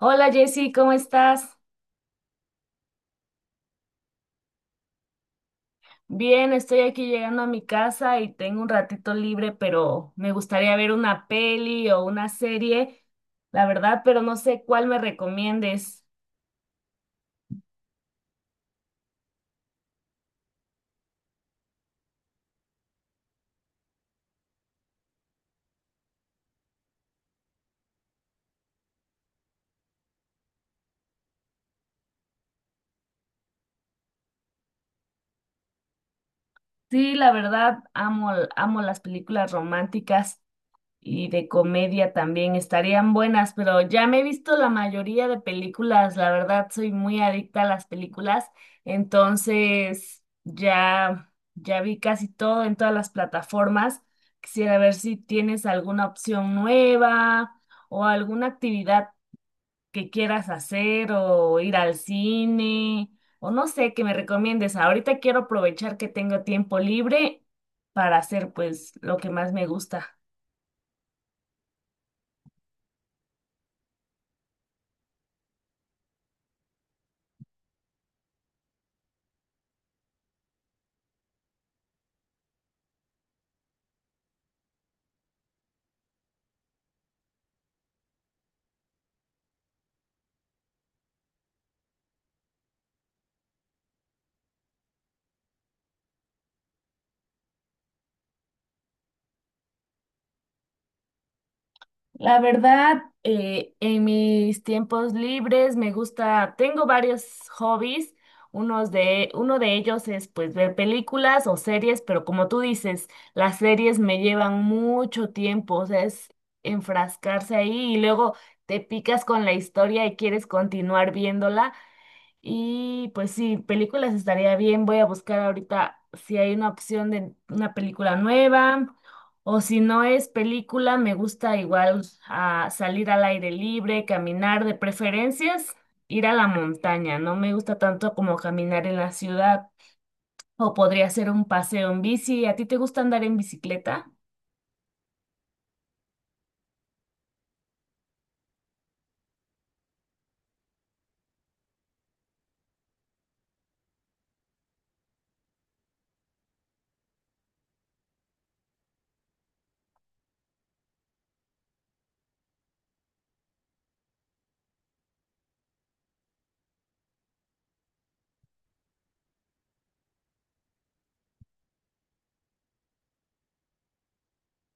Hola Jessy, ¿cómo estás? Bien, estoy aquí llegando a mi casa y tengo un ratito libre, pero me gustaría ver una peli o una serie, la verdad, pero no sé cuál me recomiendes. Sí, la verdad, amo, amo las películas románticas. Y de comedia también estarían buenas, pero ya me he visto la mayoría de películas, la verdad soy muy adicta a las películas, entonces ya vi casi todo en todas las plataformas. Quisiera ver si tienes alguna opción nueva o alguna actividad que quieras hacer o ir al cine o no sé, que me recomiendes. Ahorita quiero aprovechar que tengo tiempo libre para hacer pues lo que más me gusta. La verdad, en mis tiempos libres me gusta, tengo varios hobbies. Uno de ellos es pues ver películas o series, pero como tú dices, las series me llevan mucho tiempo, o sea, es enfrascarse ahí y luego te picas con la historia y quieres continuar viéndola. Y pues sí, películas estaría bien. Voy a buscar ahorita si hay una opción de una película nueva o si no es película, me gusta igual salir al aire libre, caminar, de preferencias, ir a la montaña. No me gusta tanto como caminar en la ciudad o podría ser un paseo en bici. ¿A ti te gusta andar en bicicleta?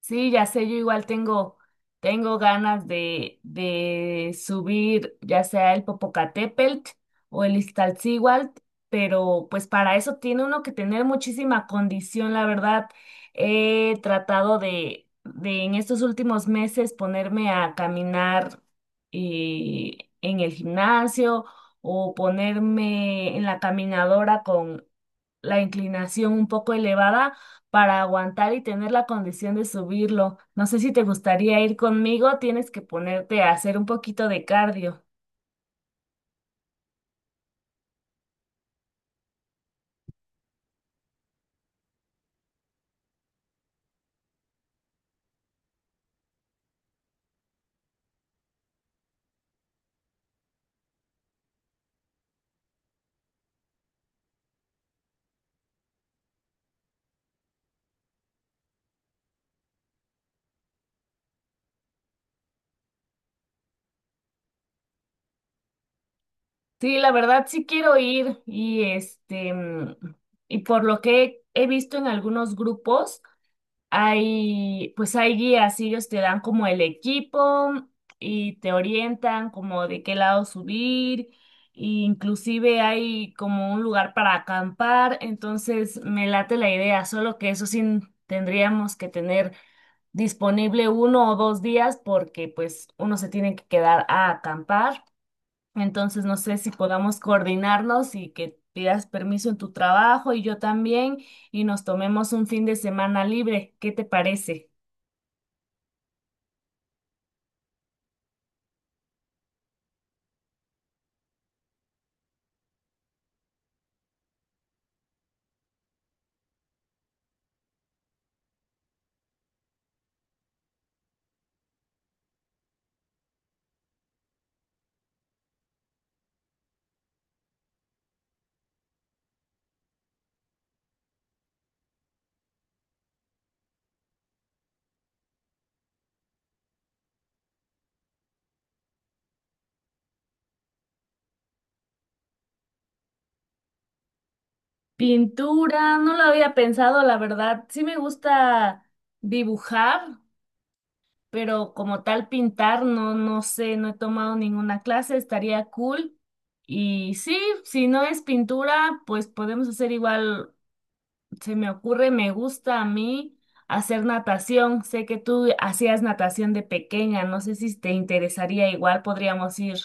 Sí, ya sé, yo igual tengo ganas de subir ya sea el Popocatépetl o el Iztaccíhuatl, pero pues para eso tiene uno que tener muchísima condición, la verdad. He tratado de en estos últimos meses ponerme a caminar en el gimnasio o ponerme en la caminadora con la inclinación un poco elevada para aguantar y tener la condición de subirlo. No sé si te gustaría ir conmigo, tienes que ponerte a hacer un poquito de cardio. Sí, la verdad sí quiero ir y este y por lo que he visto en algunos grupos hay, pues hay guías, y ellos te dan como el equipo y te orientan como de qué lado subir, e inclusive hay como un lugar para acampar, entonces me late la idea, solo que eso sí tendríamos que tener disponible uno o dos días porque pues uno se tiene que quedar a acampar. Entonces, no sé si podamos coordinarnos y que pidas permiso en tu trabajo y yo también y nos tomemos un fin de semana libre. ¿Qué te parece? Pintura, no lo había pensado, la verdad. Sí me gusta dibujar, pero como tal pintar, no, no sé, no he tomado ninguna clase, estaría cool. Y sí, si no es pintura, pues podemos hacer igual se me ocurre, me gusta a mí hacer natación. Sé que tú hacías natación de pequeña, no sé si te interesaría igual, podríamos ir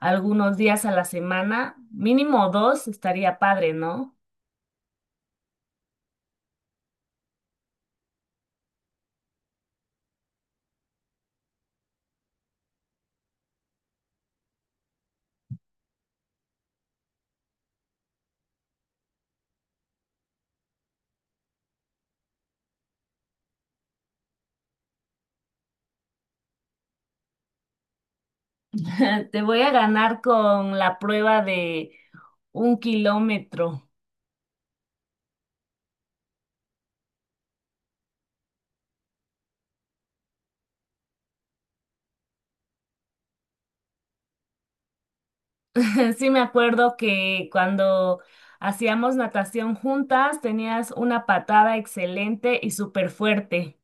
algunos días a la semana, mínimo dos, estaría padre, ¿no? Te voy a ganar con la prueba de un kilómetro. Sí me acuerdo que cuando hacíamos natación juntas tenías una patada excelente y súper fuerte.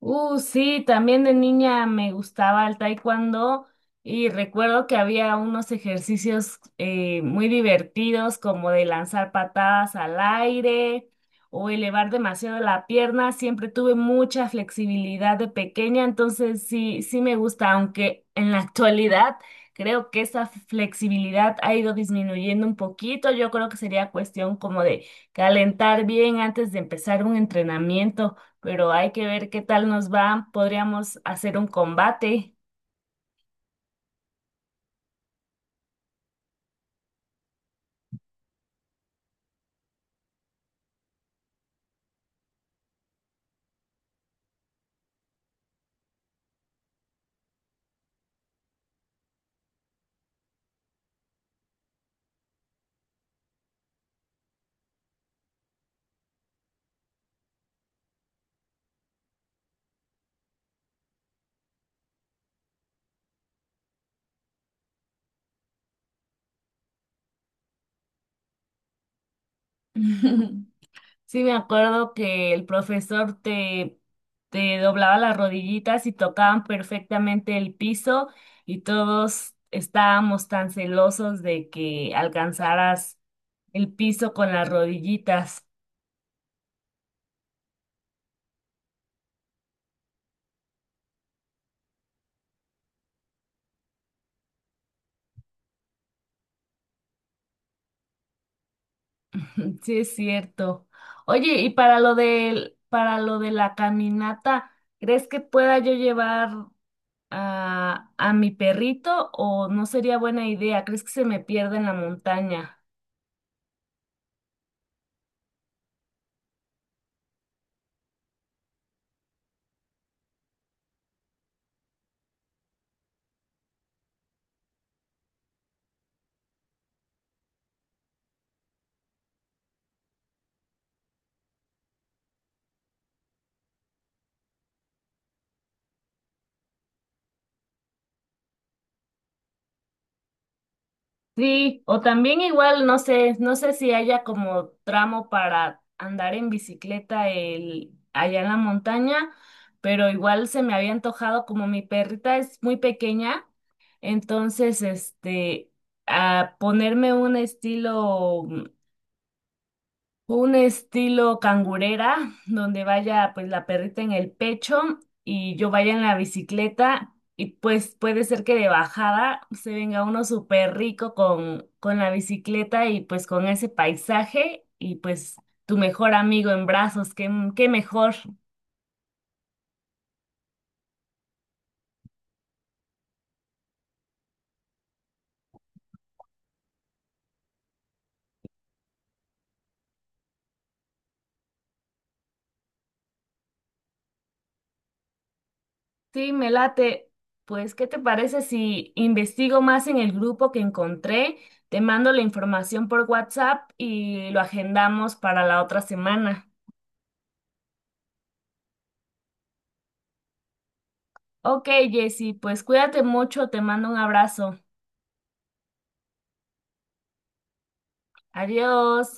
Sí, también de niña me gustaba el taekwondo y recuerdo que había unos ejercicios muy divertidos como de lanzar patadas al aire o elevar demasiado la pierna. Siempre tuve mucha flexibilidad de pequeña, entonces sí, sí me gusta, aunque en la actualidad creo que esa flexibilidad ha ido disminuyendo un poquito. Yo creo que sería cuestión como de calentar bien antes de empezar un entrenamiento pero hay que ver qué tal nos va. Podríamos hacer un combate. Sí, me acuerdo que el profesor te, te doblaba las rodillitas y tocaban perfectamente el piso y todos estábamos tan celosos de que alcanzaras el piso con las rodillitas. Sí, es cierto. Oye, y para lo de la caminata, ¿crees que pueda yo llevar a mi perrito o no sería buena idea? ¿Crees que se me pierda en la montaña? Sí, o también igual, no sé, no sé si haya como tramo para andar en bicicleta el, allá en la montaña, pero igual se me había antojado como mi perrita es muy pequeña, entonces este, a ponerme un estilo un estilo cangurera, donde vaya pues la perrita en el pecho y yo vaya en la bicicleta y pues puede ser que de bajada se venga uno súper rico con la bicicleta y pues con ese paisaje y pues tu mejor amigo en brazos, qué, qué mejor. Sí, me late. Pues, ¿qué te parece si investigo más en el grupo que encontré? Te mando la información por WhatsApp y lo agendamos para la otra semana. Ok, Jessy, pues cuídate mucho, te mando un abrazo. Adiós.